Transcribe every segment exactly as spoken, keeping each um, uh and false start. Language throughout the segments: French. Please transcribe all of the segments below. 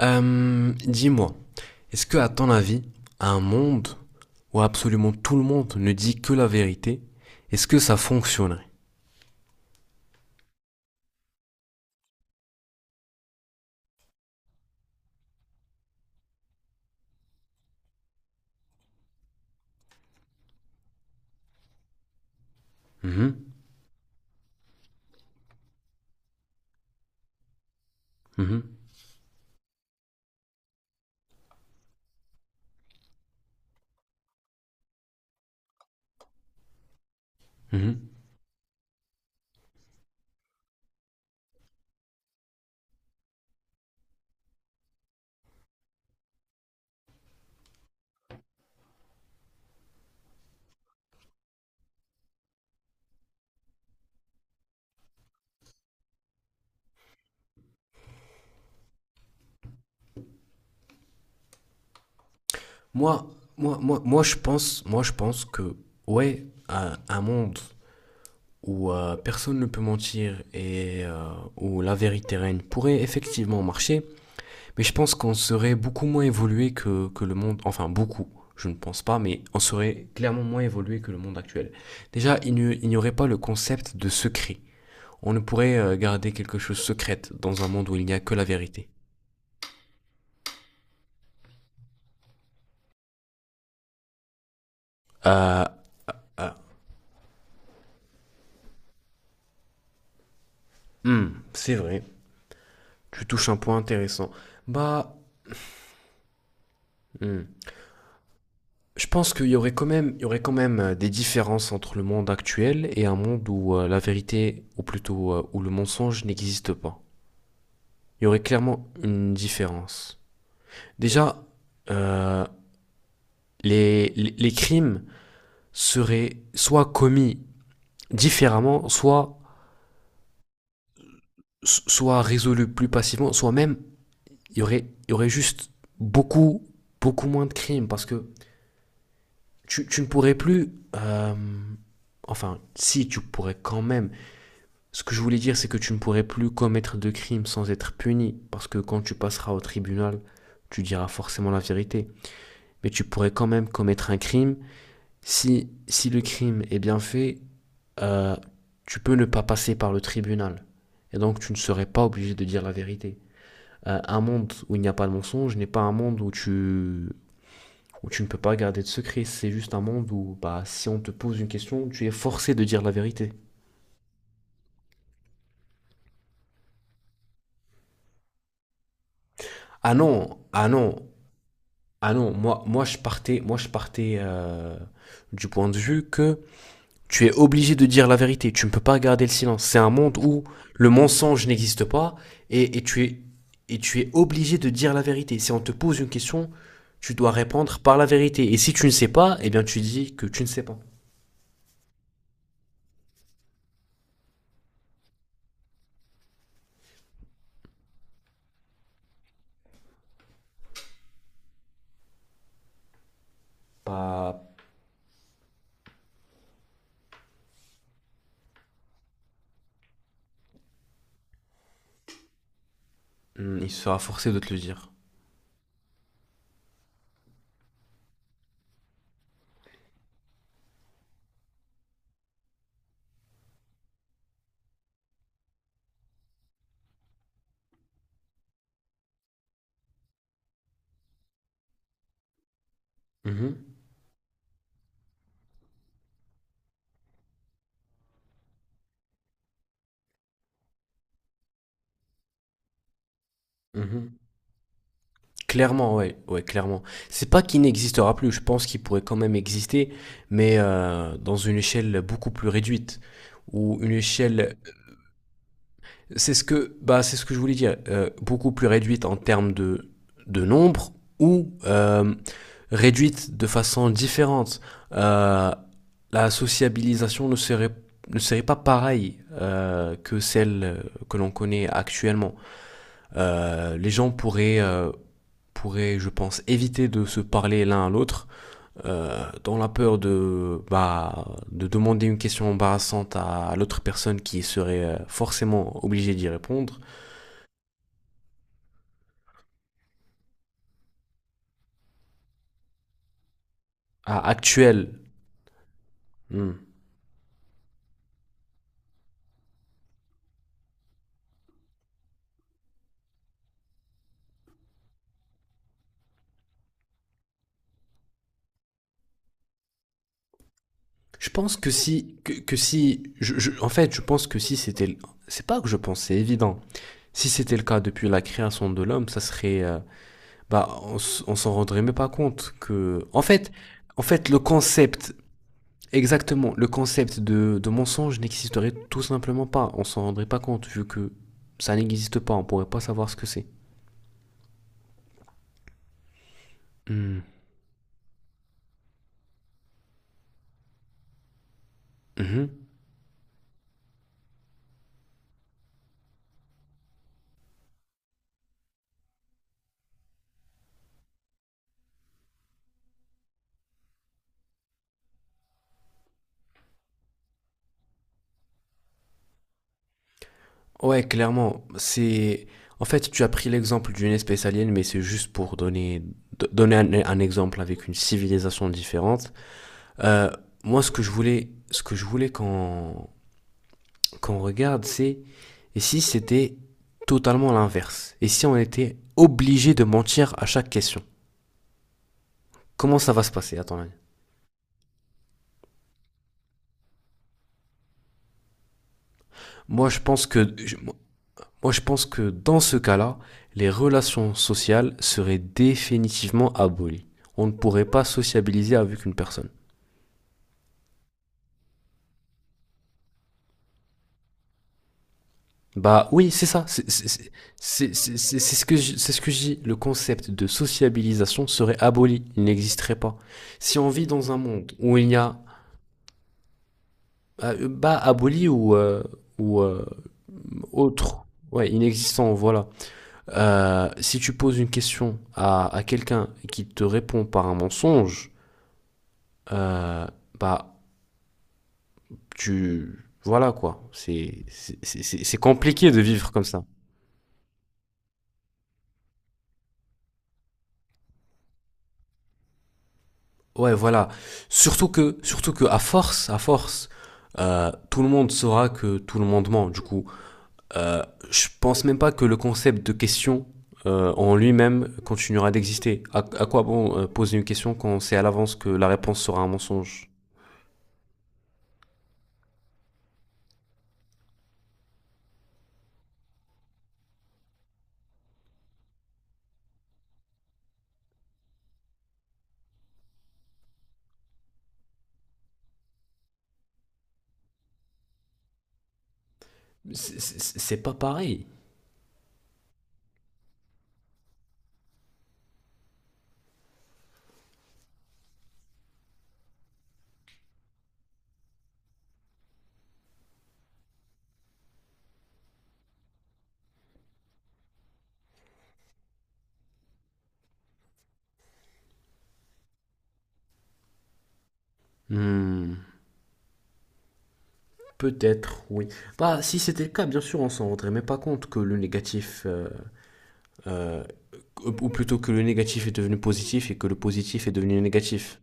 Euh, dis-moi, est-ce que, à ton avis, un monde où absolument tout le monde ne dit que la vérité, est-ce que ça fonctionnerait? Mhm, mhm, mhm. Moi, moi, moi, moi, je pense, moi, je pense que, ouais, un, un monde où euh, personne ne peut mentir et euh, où la vérité règne pourrait effectivement marcher. Mais je pense qu'on serait beaucoup moins évolué que, que le monde, enfin beaucoup, je ne pense pas, mais on serait clairement moins évolué que le monde actuel. Déjà, il n'y aurait pas le concept de secret. On ne pourrait euh, garder quelque chose secrète dans un monde où il n'y a que la vérité. Euh, euh, hmm, c'est vrai, tu touches un point intéressant. Bah, hmm, je pense qu'il y aurait quand même, il y aurait quand même euh, des différences entre le monde actuel et un monde où euh, la vérité, ou plutôt euh, où le mensonge n'existe pas. Il y aurait clairement une différence. Déjà, euh, les, les, les crimes seraient soit commis différemment, soit, soit résolus plus passivement, soit même il y aurait, il y aurait juste beaucoup, beaucoup moins de crimes parce que tu, tu ne pourrais plus. euh, enfin, si, tu pourrais quand même. Ce que je voulais dire, c'est que tu ne pourrais plus commettre de crimes sans être puni parce que quand tu passeras au tribunal, tu diras forcément la vérité. Mais tu pourrais quand même commettre un crime si, si le crime est bien fait euh, tu peux ne pas passer par le tribunal. Et donc, tu ne serais pas obligé de dire la vérité. Euh, un monde où il n'y a pas de mensonge n'est pas un monde où tu, où tu ne peux pas garder de secret. C'est juste un monde où, bah, si on te pose une question, tu es forcé de dire la vérité. Ah non, ah non, ah non. Moi, moi je partais, moi, je partais euh, du point de vue que tu es obligé de dire la vérité. Tu ne peux pas garder le silence. C'est un monde où le mensonge n'existe pas et, et tu es, et tu es obligé de dire la vérité. Si on te pose une question, tu dois répondre par la vérité. Et si tu ne sais pas, eh bien tu dis que tu ne sais pas. Pas. Hmm, il sera forcé de te le dire. Mhm, mhm. Clairement, ouais, ouais, clairement. C'est pas qu'il n'existera plus. Je pense qu'il pourrait quand même exister, mais euh, dans une échelle beaucoup plus réduite ou une échelle. C'est ce que, bah, c'est ce que je voulais dire. Euh, beaucoup plus réduite en termes de, de nombre ou euh, réduite de façon différente. Euh, la sociabilisation ne serait, ne serait pas pareille euh, que celle euh, que l'on connaît actuellement. Euh, les gens pourraient, euh, pourraient, je pense, éviter de se parler l'un à l'autre euh, dans la peur de, bah, de demander une question embarrassante à, à l'autre personne qui serait euh, forcément obligée d'y répondre. Ah, actuel. Hmm. Je pense que si, que, que si, je- je- en fait, Je pense que si c'était, le- c'est pas que je pense, c'est évident. Si c'était le cas depuis la création de l'homme, ça serait, euh, bah, on, s- on s'en rendrait même pas compte que, en fait, en fait, le concept, exactement, le concept de, de mensonge n'existerait tout simplement pas. On s'en rendrait pas compte vu que ça n'existe pas. On pourrait pas savoir ce que c'est. Hmm. Mhm. Ouais, clairement, c'est... En fait, tu as pris l'exemple d'une espèce alien, mais c'est juste pour donner, do- donner un, un exemple avec une civilisation différente. Euh, Moi, ce que je voulais, ce que je voulais qu'on qu'on regarde, c'est et si c'était totalement l'inverse? Et si on était obligé de mentir à chaque question? Comment ça va se passer, à ton avis? Moi, je pense que je- Moi, je pense que dans ce cas-là, les relations sociales seraient définitivement abolies. On ne pourrait pas sociabiliser avec une personne. Bah oui, c'est ça. C'est c'est- c'est- c'est- c'est- ce que je- c'est ce que je dis. Le concept de sociabilisation serait aboli. Il n'existerait pas. Si on vit dans un monde où il y a euh, bah aboli ou euh, ou euh, autre, ouais, inexistant, voilà. Euh, si tu poses une question à à quelqu'un qui te répond par un mensonge, euh, bah tu voilà quoi, c'est c'est c'est c'est compliqué de vivre comme ça. Ouais, voilà. Surtout que surtout que à force, à force, euh, tout le monde saura que tout le monde ment. Du coup, euh, je pense même pas que le concept de question euh, en lui-même continuera d'exister. À, à quoi bon euh, poser une question quand on sait à l'avance que la réponse sera un mensonge. C'est c'est- c'est pas pareil. Hmm. Peut-être, oui. Bah, si c'était le cas, bien sûr, on s'en rendrait même pas compte que le négatif euh, Euh, ou plutôt que le négatif est devenu positif et que le positif est devenu négatif.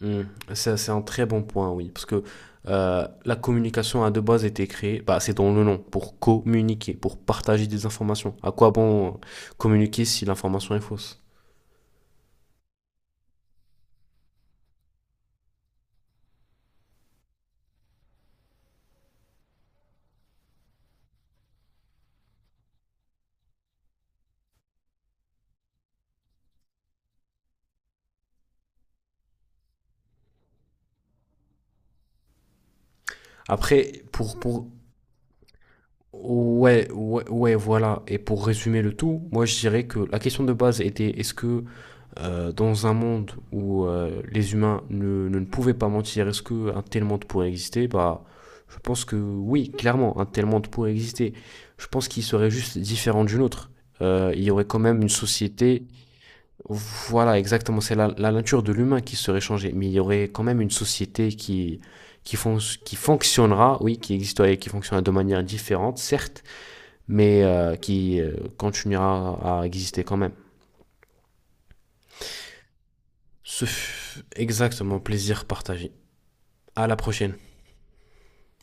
Hmm. Ça, c'est un très bon point, oui. Parce que euh, la communication a de base été créée, bah, c'est dans le nom, pour communiquer, pour partager des informations. À quoi bon communiquer si l'information est fausse? Après, pour, pour Ouais, ouais, ouais, voilà. Et pour résumer le tout, moi je dirais que la question de base était est-ce que euh, dans un monde où euh, les humains ne, ne, ne pouvaient pas mentir, est-ce qu'un tel monde pourrait exister? Bah, je pense que oui, clairement, un tel monde pourrait exister. Je pense qu'il serait juste différent d'une autre. Euh, il y aurait quand même une société, voilà, exactement, c'est la, la nature de l'humain qui serait changée, mais il y aurait quand même une société qui, qui, fon- qui fonctionnera, oui, qui existerait, qui fonctionnera de manière différente, certes, mais euh, qui euh, continuera à exister quand même. Ce fut exactement plaisir partagé. À la prochaine.